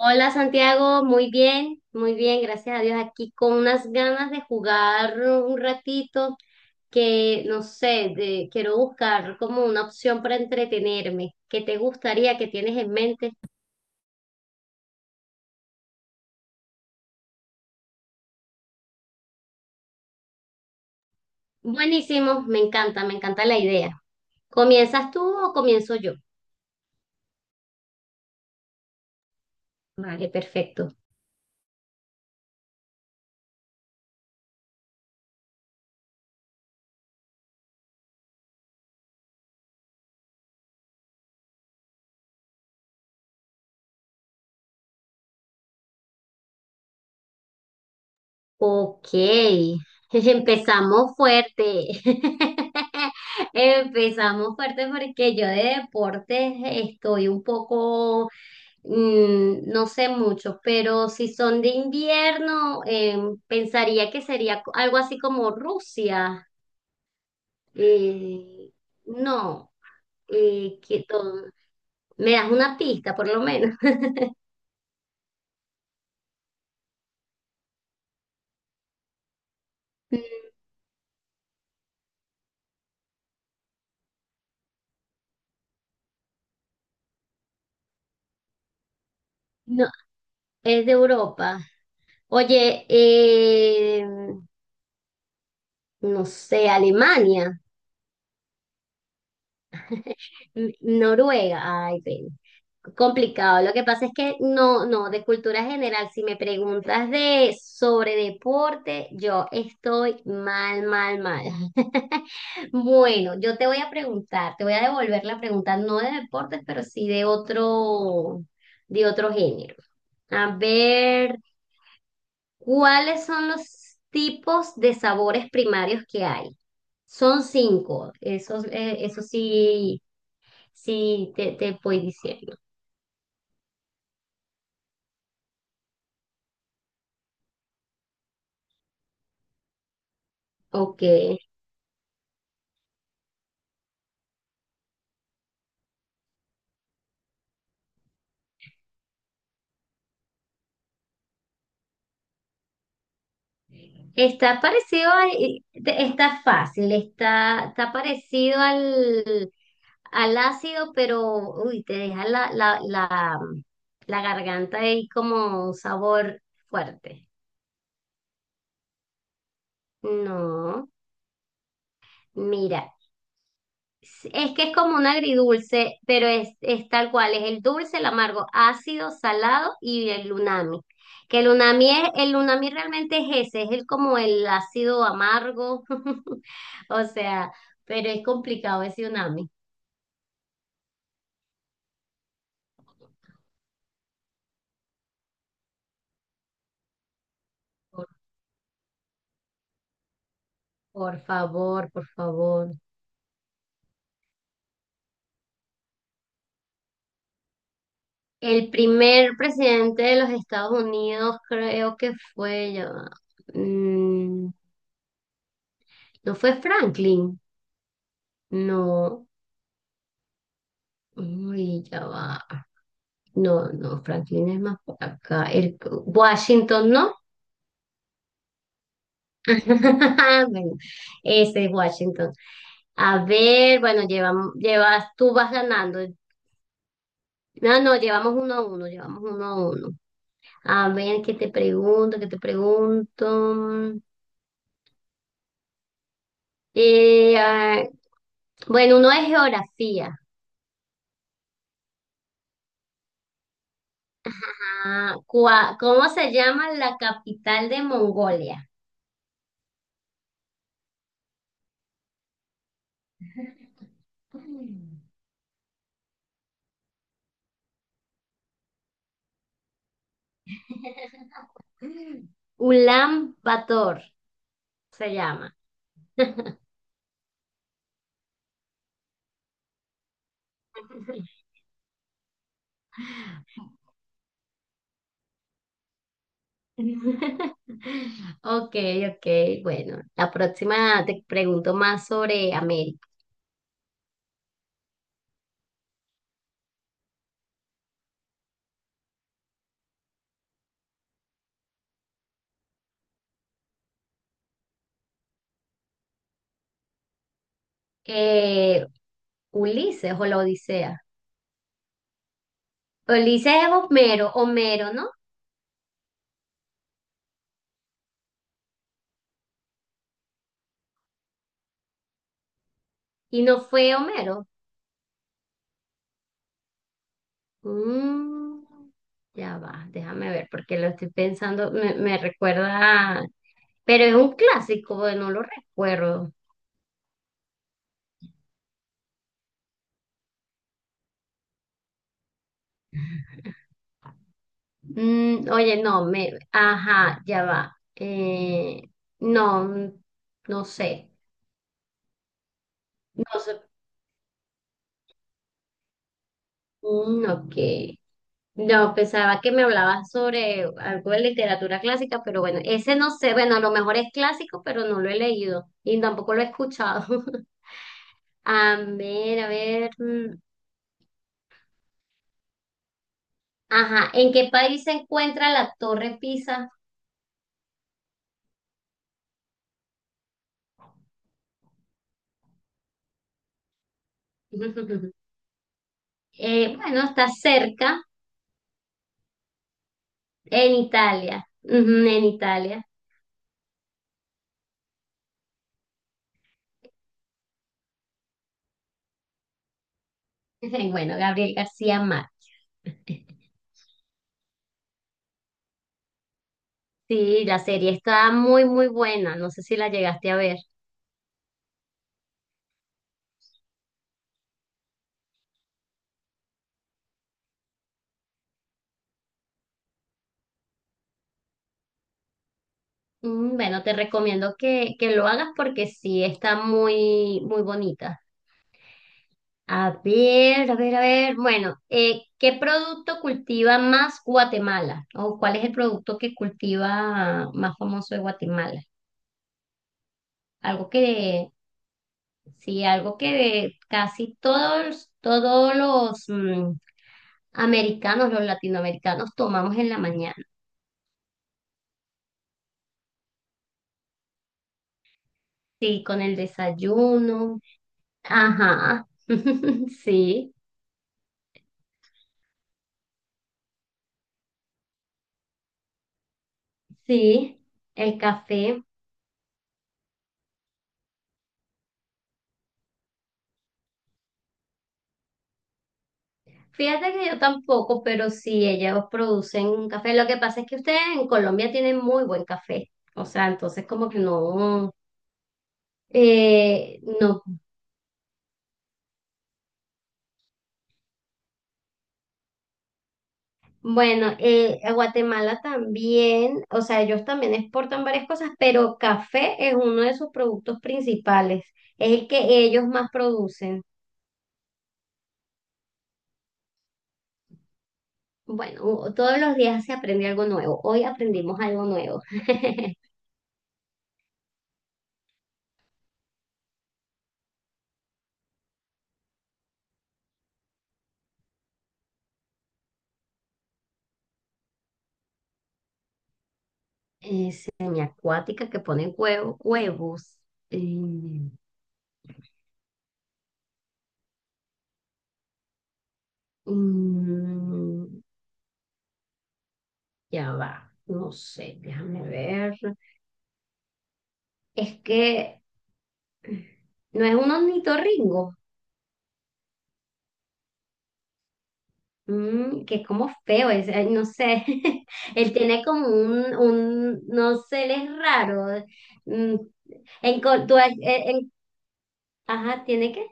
Hola Santiago, muy bien, gracias a Dios. Aquí con unas ganas de jugar un ratito que no sé, quiero buscar como una opción para entretenerme. ¿Qué te gustaría? ¿Qué tienes en mente? Buenísimo, me encanta la idea. ¿Comienzas tú o comienzo yo? Vale, perfecto. Ok, empezamos fuerte. Empezamos fuerte porque yo de deportes estoy un poco. No sé mucho, pero si son de invierno, pensaría que sería algo así como Rusia. Eh, no, que todo. Me das una pista, por lo menos. Mm, no, es de Europa. Oye, no sé, Alemania. Noruega, ay, pena. Complicado. Lo que pasa es que de cultura general, si me preguntas de sobre deporte, yo estoy mal, mal, mal. Bueno, yo te voy a preguntar, te voy a devolver la pregunta, no de deportes, pero sí de otro género. A ver, ¿cuáles son los tipos de sabores primarios que hay? Son cinco. Eso, eso sí. Sí, te voy diciendo. Ok. Está parecido a- está fácil, está parecido al, al ácido, pero uy, te deja la garganta ahí como un sabor fuerte. No, mira. Es que es como un agridulce, pero es tal cual, es el dulce, el amargo, ácido, salado y el unami. Que el unami realmente es ese, es el como el ácido amargo, o sea, pero es complicado ese unami. Por, por favor, por favor. El primer presidente de los Estados Unidos creo que fue, ya va, mm, no fue Franklin, no, uy, ya va. No, no, Franklin es más por acá. Washington, ¿no? Bueno, ese es Washington. A ver, bueno, tú vas ganando. No, no, llevamos uno a uno, llevamos uno a uno. A ver, ¿qué te pregunto? ¿Qué te pregunto? Eh, ah, bueno, uno es geografía. Ah, ¿cómo se llama la capital de Mongolia? Ulan Bator se llama. Ok, ok, bueno, la próxima te pregunto más sobre América. Eh, Ulises o la Odisea. Ulises es Homero, Homero, ¿no? Y no fue Homero. Mm, ya va, déjame ver, porque lo estoy pensando, me recuerda, pero es un clásico, bueno, no lo recuerdo. Oye, no, me, ajá, ya va. Eh, no, no sé. No sé. Mm, ok. No, pensaba que me hablabas sobre algo de literatura clásica, pero bueno, ese no sé, bueno, a lo mejor es clásico, pero no lo he leído y tampoco lo he escuchado. A ver, a ver. Ajá, ¿en qué país se encuentra la Torre Pisa? Bueno, está cerca, en Italia. Ujú, en Italia. Bueno, Gabriel García Márquez. Sí, la serie está muy, muy buena. No sé si la llegaste a ver. Mm, bueno, te recomiendo que lo hagas porque sí, está muy, muy bonita. A ver, a ver, a ver. Bueno, ¿qué producto cultiva más Guatemala? ¿O cuál es el producto que cultiva más famoso de Guatemala? Algo que, sí, algo que casi todos, todos los americanos, los latinoamericanos tomamos en la mañana. Sí, con el desayuno. Ajá. Sí, sí. El café. Fíjate que yo tampoco, pero sí, ellos producen un café. Lo que pasa es que ustedes en Colombia tienen muy buen café. O sea, entonces como que no, no. Bueno, a Guatemala también, o sea, ellos también exportan varias cosas, pero café es uno de sus productos principales. Es el que ellos más producen. Bueno, todos los días se aprende algo nuevo. Hoy aprendimos algo nuevo. Eh, semiacuática que ponen huevo, huevos. eh, Mm, ya va, no sé, déjame ver. Es que no es un ornitorrinco, mm, que es como feo, es, ay, no sé. Él tiene como un no sé, él es raro. Mm, en, en- ajá, ¿tiene qué?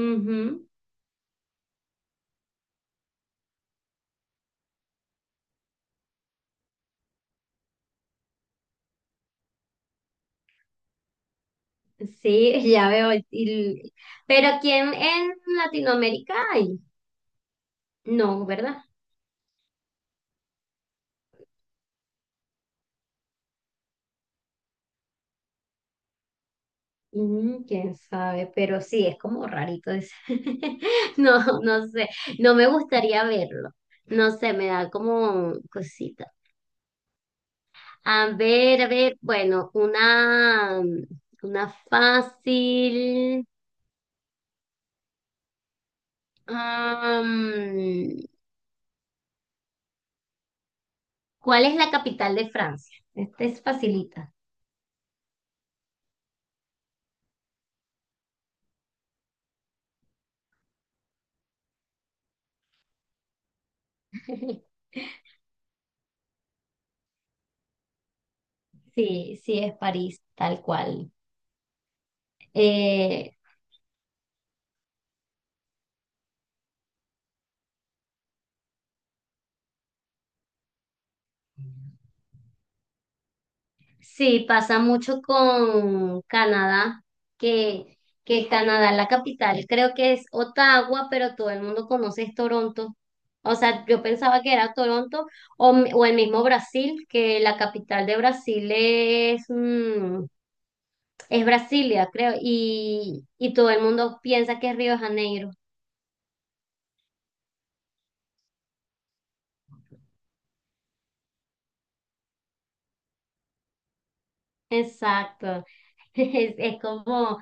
Ujú, sí, ya veo. Pero ¿quién en Latinoamérica hay? No, ¿verdad? Quién sabe, pero sí, es como rarito eso. No, no sé, no me gustaría verlo. No sé, me da como cosita. A ver, bueno, una fácil. Am, ¿Cuál es la capital de Francia? Esta es facilita. Sí, sí, es París, tal cual. Eh, Sí, pasa mucho con Canadá, que, que Canadá, la capital, creo que es Ottawa, pero todo el mundo conoce es Toronto. O sea, yo pensaba que era Toronto o, o el mismo Brasil, que la capital de Brasil es, es Brasilia, creo, y todo el mundo piensa que es Río de Janeiro. Exacto, es como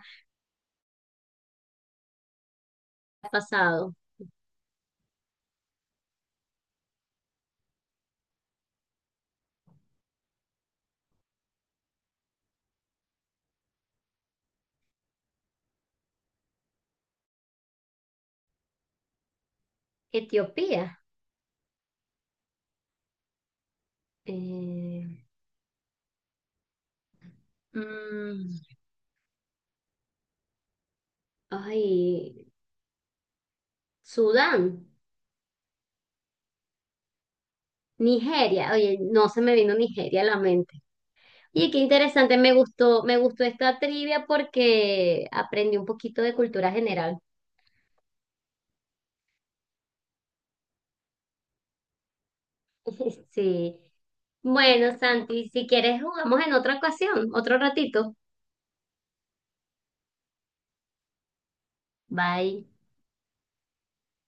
ha pasado. Etiopía, eh, mm, ay, Sudán. Nigeria, oye, no se me vino Nigeria a la mente. Oye, qué interesante, me gustó esta trivia porque aprendí un poquito de cultura general. Sí. Bueno, Santi, si quieres jugamos en otra ocasión, otro ratito. Bye.